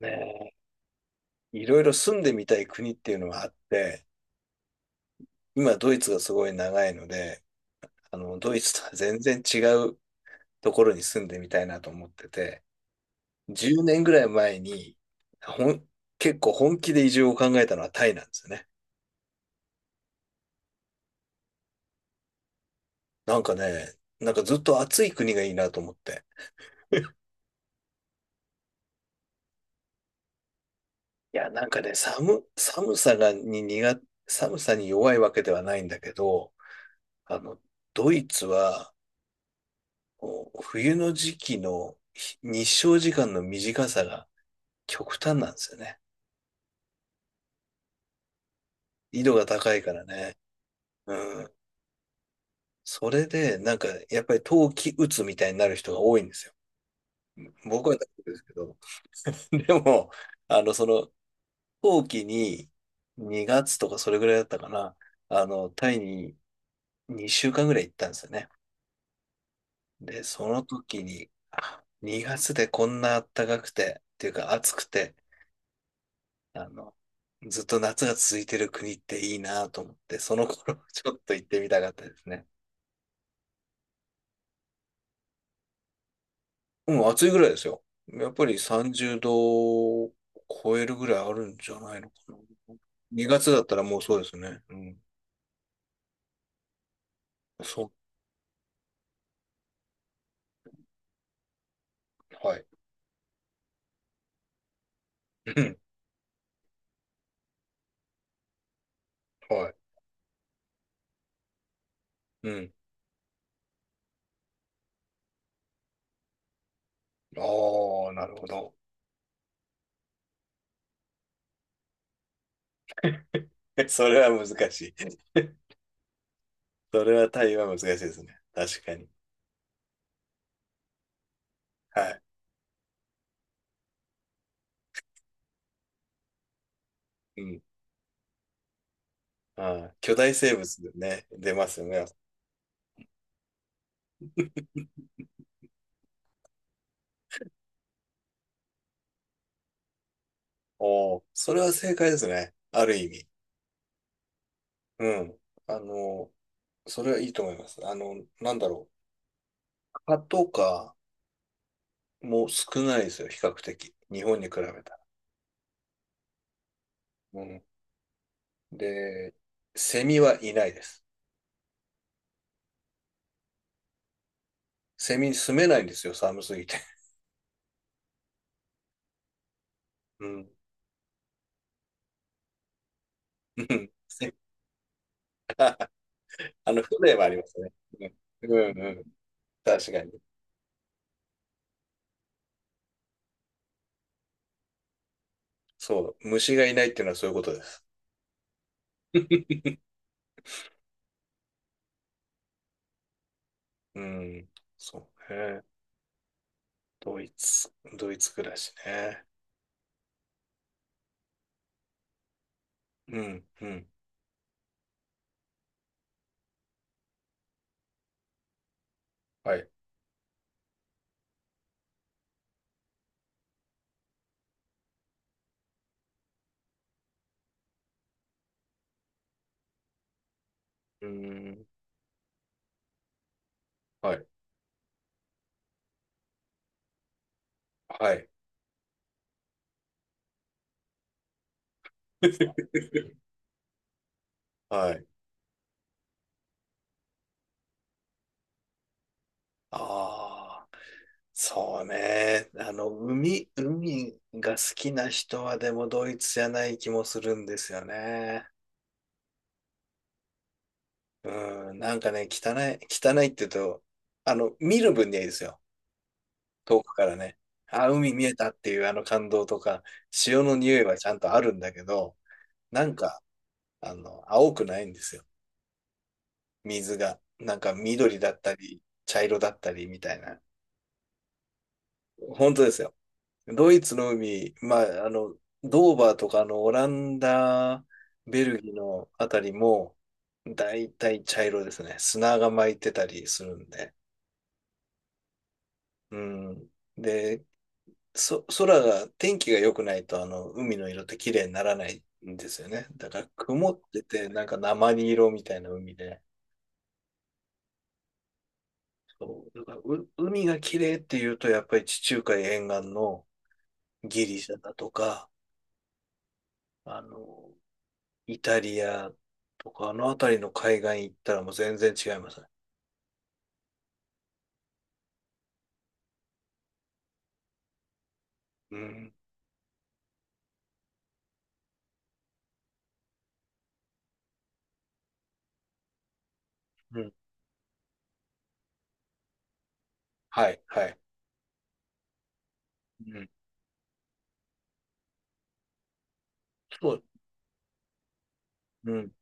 ねえ、いろいろ住んでみたい国っていうのはあって、今ドイツがすごい長いので、あの、ドイツとは全然違うところに住んでみたいなと思ってて、10年ぐらい前に、ほん、結構本気で移住を考えたのはタイなんですよね。なんかね、なんかずっと暑い国がいいなと思って。いや、なんかね、寒さに弱いわけではないんだけど、あの、ドイツはこう冬の時期の日照時間の短さが極端なんですよね。緯度が高いからね。うん。それで、なんか、やっぱり冬季うつみたいになる人が多いんですよ。僕は大丈夫ですけど。でも、あの、その、冬季に2月とかそれぐらいだったかな。あの、タイに2週間ぐらい行ったんですよね。で、その時に、あ2月でこんな暖かくて、っていうか暑くて、あの、ずっと夏が続いてる国っていいなと思って、その頃 ちょっと行ってみたかったですね。うん、暑いぐらいですよ。やっぱり30度を超えるぐらいあるんじゃないのかな。2月だったらもうそうですね。うん。そう、はい。うん、はい。うん。ああ、なるほど。それは難しい。それは対話は難しいですね。確かに。はい。うん。ああ、巨大生物でね、出ますよね。おお、それは正解ですね。ある意味。うん。あの、それはいいと思います。あの、なんだろう。蚊とかも少ないですよ、比較的。日本に比べたら。うん。で、セミはいないです。セミ住めないんですよ、寒すぎて。うん。うん。せあの、風情はありますね。うん。うんうん。確かに。そう。虫がいないっていうのはそういうことです。うん。そうね。ドイツ、ドイツ暮らしね。うん。うん。はい。うん。はい。はい。はい。ああ、そうね。あの、海、海が好きな人はでもドイツじゃない気もするんですよね。うん、なんかね、汚い、汚いって言うと、あの、見る分にはいいですよ。遠くからね。あ、海見えたっていうあの感動とか、潮の匂いはちゃんとあるんだけど、なんか、あの、青くないんですよ。水が。なんか緑だったり、茶色だったりみたいな。本当ですよ。ドイツの海、まあ、あの、ドーバーとか、あの、オランダ、ベルギーのあたりも、だいたい茶色ですね。砂が巻いてたりするんで。うん。で、空が、天気が良くないと、あの、海の色って綺麗にならないんですよね。だから、曇ってて、なんか鉛色みたいな海で。そう。だから、海が綺麗っていうと、やっぱり地中海沿岸のギリシャだとか、あの、イタリアとか、あの辺りの海岸行ったらもう全然違いますね。うん。うん。はい、はい。うん。そう。うん。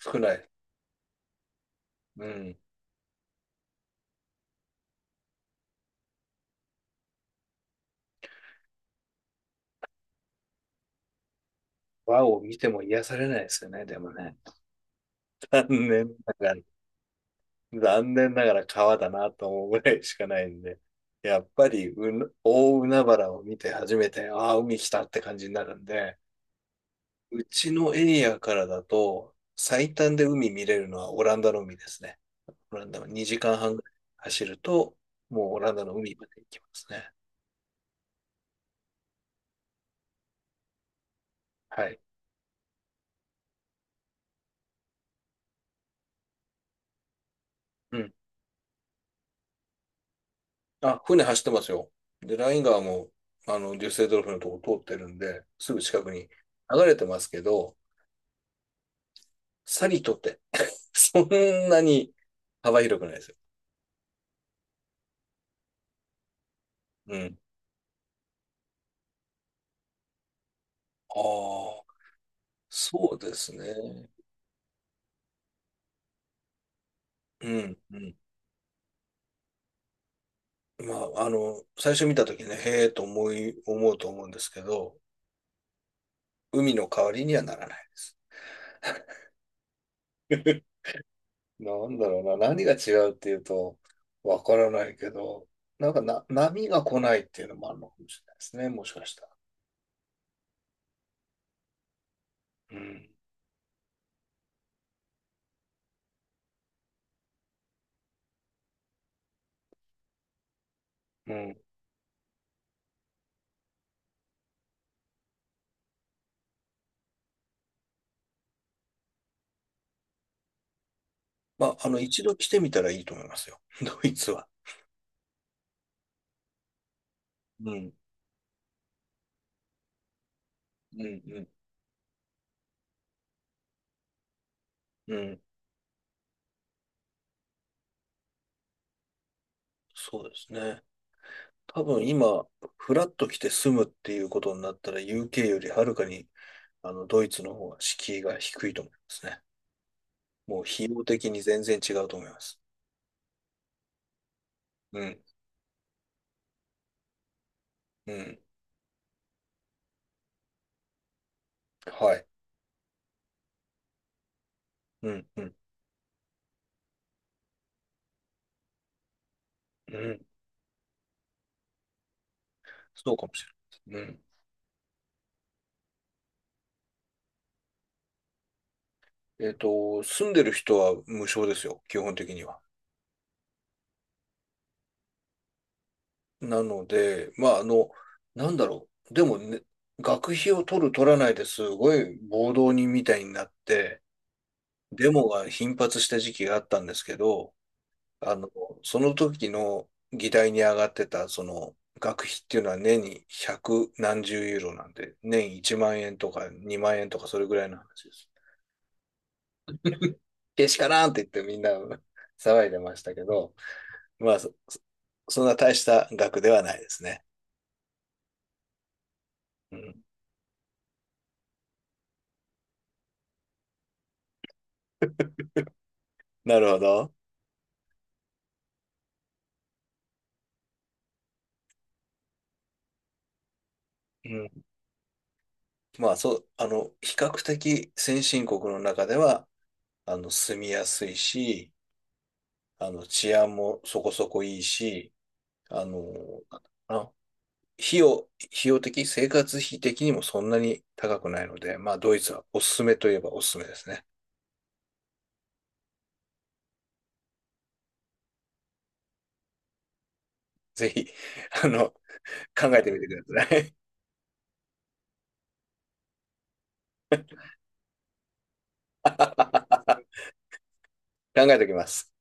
少ない。うん。和を見ても癒されないですよね、でもね。残念ながら、残念ながら川だなと思うぐらいしかないんで。やっぱり大海原を見て初めて、ああ、海来たって感じになるんで、うちのエリアからだと、最短で海見れるのはオランダの海ですね。オランダは2時間半ぐらい走ると、もうオランダの海まで行きますね。はい。うん。あ、船走ってますよ。で、ライン川も、あの、デュッセルドルフのとこ通ってるんで、すぐ近くに流れてますけど、さりとって そんなに幅広くないですよ。うん。ああ、そうですね。うん、うん。まあ、あの、最初見たときね、へえと思うと思うんですけど、海の代わりにはならないです。なんだろうな、何が違うっていうと、わからないけど、なんかな、波が来ないっていうのもあるのかもしれないですね、もしかしたら。うん。うん。まあ、あの、一度来てみたらいいと思いますよ、ドイツは。うん。うん、うん、うん。そうですね。多分今、フラッと来て住むっていうことになったら、UK よりはるかに、あの、ドイツの方が敷居が低いと思いますね。もう費用的に全然違うと思います。うん、うん。はい。うん、うん、うん。そうかもしれない。うん。えっと、住んでる人は無償ですよ、基本的には。なので、まあ、あの、なんだろう。でもね、学費を取る取らないですごい暴動人みたいになって、デモが頻発した時期があったんですけど、あの、その時の議題に上がってた、その、学費っていうのは年に百何十ユーロなんで、年1万円とか2万円とかそれぐらいの話です。けしからんって言ってみんな 騒いでましたけど、まあ、そんな大した額ではないですね。うん。なるほど。うん。まあ、そう、あの、比較的先進国の中では、あの、住みやすいし、あの、治安もそこそこいいし、あの、なんだろうな費用、費用的、生活費的にもそんなに高くないので、まあ、ドイツはおすすめといえばおすすめですね。ぜひ、あの、考えてみてください。考えておきます。